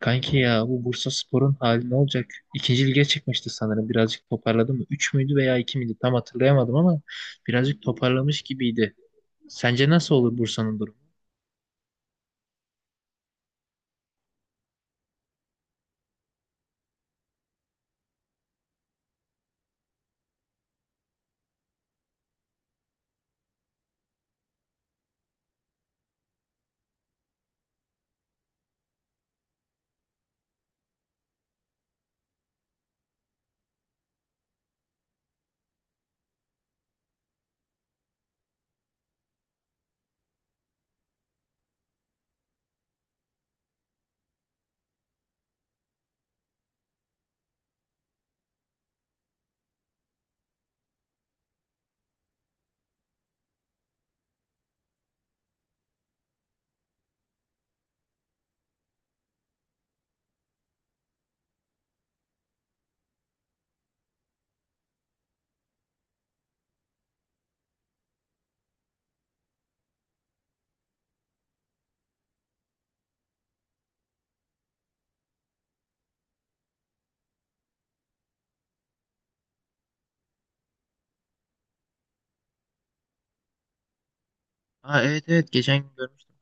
Kanki ya bu Bursaspor'un hali ne olacak? İkinci lige çıkmıştı sanırım. Birazcık toparladı mı? Üç müydü veya iki miydi? Tam hatırlayamadım ama birazcık toparlamış gibiydi. Sence nasıl olur Bursa'nın durumu? Aa, evet, evet, geçen gün görmüştüm.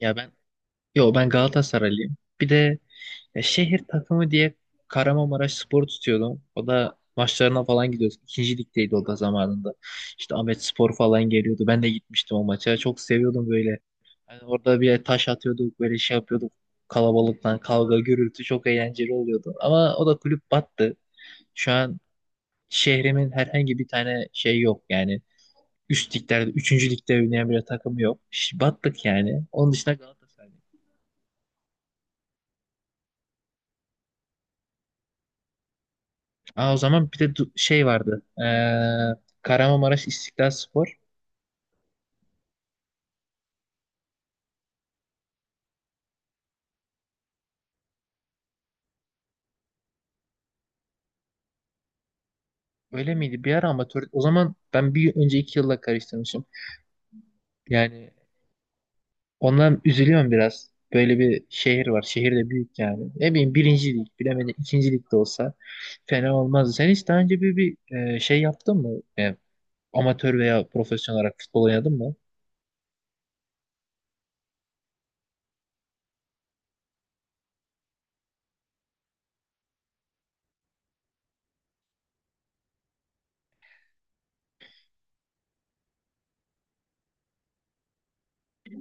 Ya ben ben Galatasaraylıyım. Bir de şehir takımı diye Kahramanmaraş Spor tutuyordum. O da maçlarına falan gidiyorduk. İkinci ligdeydi o da zamanında. İşte Ahmet Spor falan geliyordu. Ben de gitmiştim o maça. Çok seviyordum böyle. Hani orada bir taş atıyorduk, böyle şey yapıyorduk. Kalabalıktan kavga, gürültü çok eğlenceli oluyordu. Ama o da kulüp battı. Şu an şehrimin herhangi bir tane şey yok yani. Üst liglerde, üçüncü ligde oynayan bir takım yok. Battık yani. Onun dışında Galatasaray. Aa, o zaman bir de şey vardı. Kahramanmaraş İstiklal Spor. Öyle miydi? Bir ara amatör. O zaman ben bir önceki yılla karıştırmışım. Yani ondan üzülüyorum biraz. Böyle bir şehir var. Şehir de büyük yani. Ne bileyim birinci lig. Bilemedim, ikinci lig de olsa fena olmazdı. Sen hiç daha önce bir şey yaptın mı? Yani amatör veya profesyonel olarak futbol oynadın mı?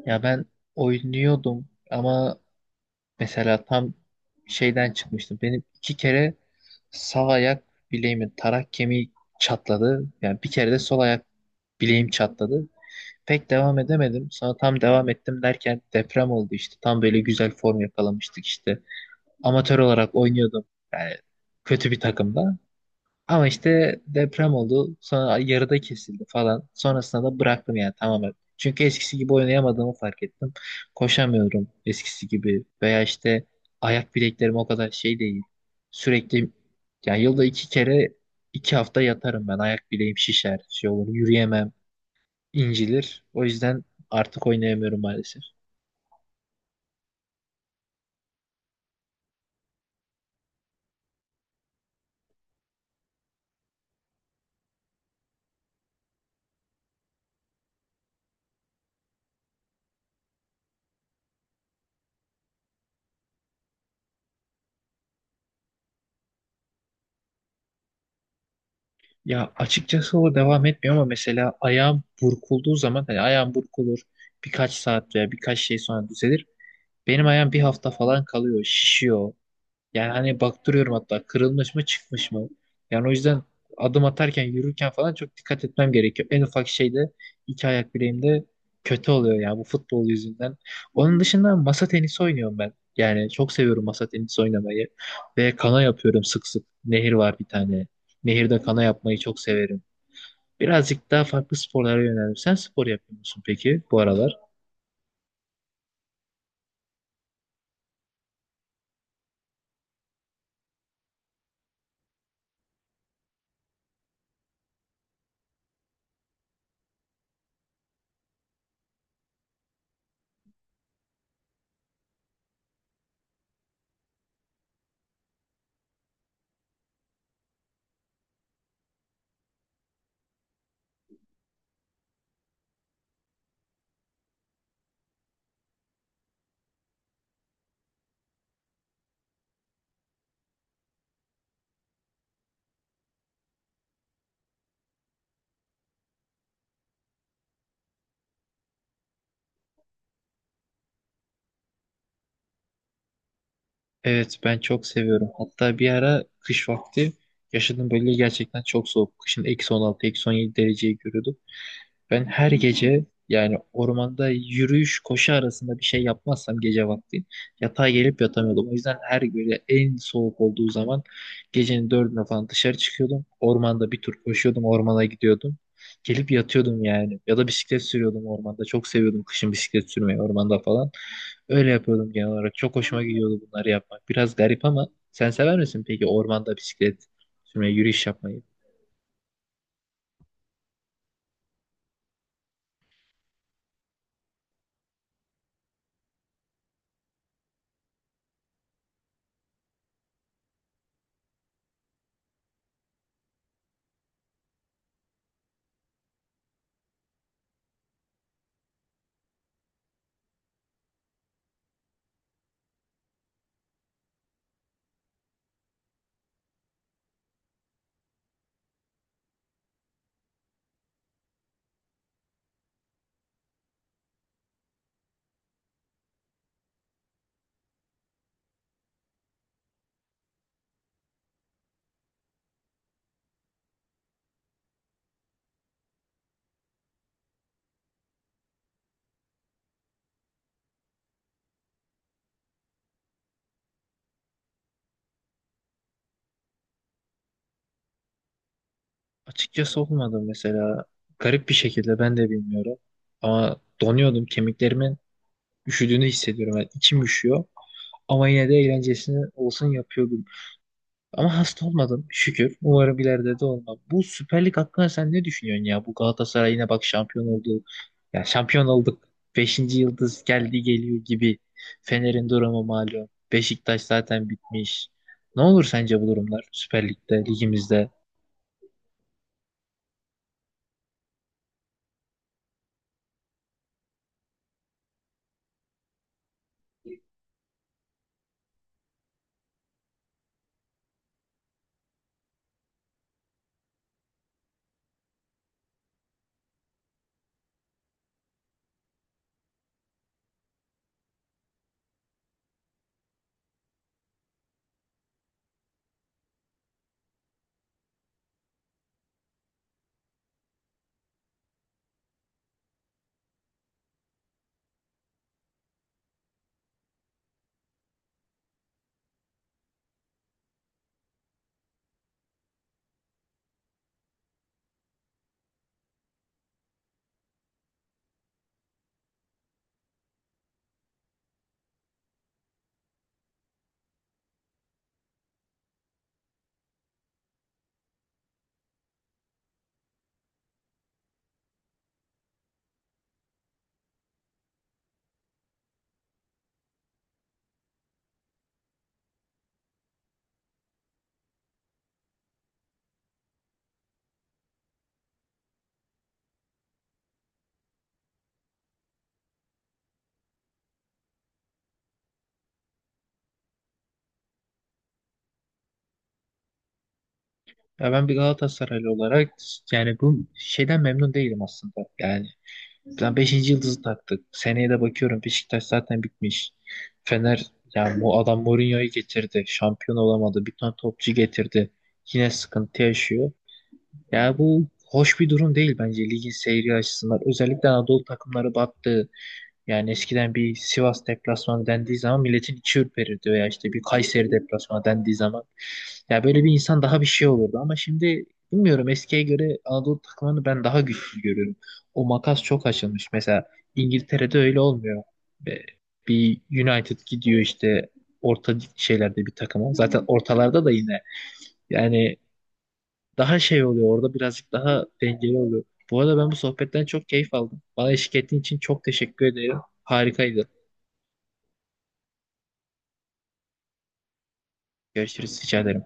Ya ben oynuyordum ama mesela tam şeyden çıkmıştım. Benim iki kere sağ ayak bileğimin tarak kemiği çatladı. Yani bir kere de sol ayak bileğim çatladı. Pek devam edemedim. Sonra tam devam ettim derken deprem oldu işte. Tam böyle güzel form yakalamıştık işte. Amatör olarak oynuyordum. Yani kötü bir takımda. Ama işte deprem oldu. Sonra yarıda kesildi falan. Sonrasında da bıraktım yani tamamen. Çünkü eskisi gibi oynayamadığımı fark ettim. Koşamıyorum eskisi gibi. Veya işte ayak bileklerim o kadar şey değil. Sürekli yani yılda iki kere iki hafta yatarım ben. Ayak bileğim şişer, şey olur, yürüyemem, incilir. O yüzden artık oynayamıyorum maalesef. Ya açıkçası o devam etmiyor ama mesela ayağım burkulduğu zaman, hani ayağım burkulur birkaç saat veya birkaç şey sonra düzelir. Benim ayağım bir hafta falan kalıyor, şişiyor. Yani hani baktırıyorum hatta, kırılmış mı çıkmış mı. Yani o yüzden adım atarken, yürürken falan çok dikkat etmem gerekiyor. En ufak şeyde iki ayak bileğimde kötü oluyor yani bu futbol yüzünden. Onun dışında masa tenisi oynuyorum ben. Yani çok seviyorum masa tenisi oynamayı. Ve kana yapıyorum sık sık. Nehir var bir tane. Nehirde kana yapmayı çok severim. Birazcık daha farklı sporlara yöneldim. Sen spor yapıyor musun peki bu aralar? Evet, ben çok seviyorum. Hatta bir ara kış vakti yaşadığım bölge gerçekten çok soğuk. Kışın eksi 16, eksi 17 dereceyi görüyordum. Ben her gece yani ormanda yürüyüş koşu arasında bir şey yapmazsam gece vakti yatağa gelip yatamıyordum. O yüzden her böyle en soğuk olduğu zaman gecenin dördüne falan dışarı çıkıyordum. Ormanda bir tur koşuyordum, ormana gidiyordum. Gelip yatıyordum yani. Ya da bisiklet sürüyordum ormanda. Çok seviyordum kışın bisiklet sürmeyi ormanda falan. Öyle yapıyordum genel olarak. Çok hoşuma gidiyordu bunları yapmak. Biraz garip ama sen sever misin peki ormanda bisiklet sürmeyi, yürüyüş yapmayı? Açıkçası olmadı mesela. Garip bir şekilde ben de bilmiyorum. Ama donuyordum. Kemiklerimin üşüdüğünü hissediyorum. Yani içim üşüyor. Ama yine de eğlencesini olsun yapıyordum. Ama hasta olmadım şükür. Umarım ileride de olmam. Bu Süper Lig hakkında sen ne düşünüyorsun ya? Bu Galatasaray yine bak şampiyon oldu. Ya şampiyon olduk. Beşinci yıldız geldi, geliyor gibi. Fener'in durumu malum. Beşiktaş zaten bitmiş. Ne olur sence bu durumlar Süper Lig'de, ligimizde? Ya ben bir Galatasaraylı olarak yani bu şeyden memnun değilim aslında. Yani ben 5. yıldızı taktık. Seneye de bakıyorum, Beşiktaş zaten bitmiş. Fener, yani bu adam Mourinho'yu getirdi. Şampiyon olamadı. Bir tane topçu getirdi. Yine sıkıntı yaşıyor. Yani bu hoş bir durum değil bence ligin seyri açısından. Özellikle Anadolu takımları battı. Yani eskiden bir Sivas deplasmanı dendiği zaman milletin içi ürperirdi veya işte bir Kayseri deplasmanı dendiği zaman ya böyle bir insan daha bir şey olurdu ama şimdi bilmiyorum, eskiye göre Anadolu takımlarını ben daha güçlü görüyorum. O makas çok açılmış. Mesela İngiltere'de öyle olmuyor. Ve bir United gidiyor işte orta şeylerde bir takıma. Zaten ortalarda da yine yani daha şey oluyor orada, birazcık daha dengeli oluyor. Bu arada ben bu sohbetten çok keyif aldım. Bana eşlik ettiğin için çok teşekkür ederim. Harikaydı. Görüşürüz. Rica ederim.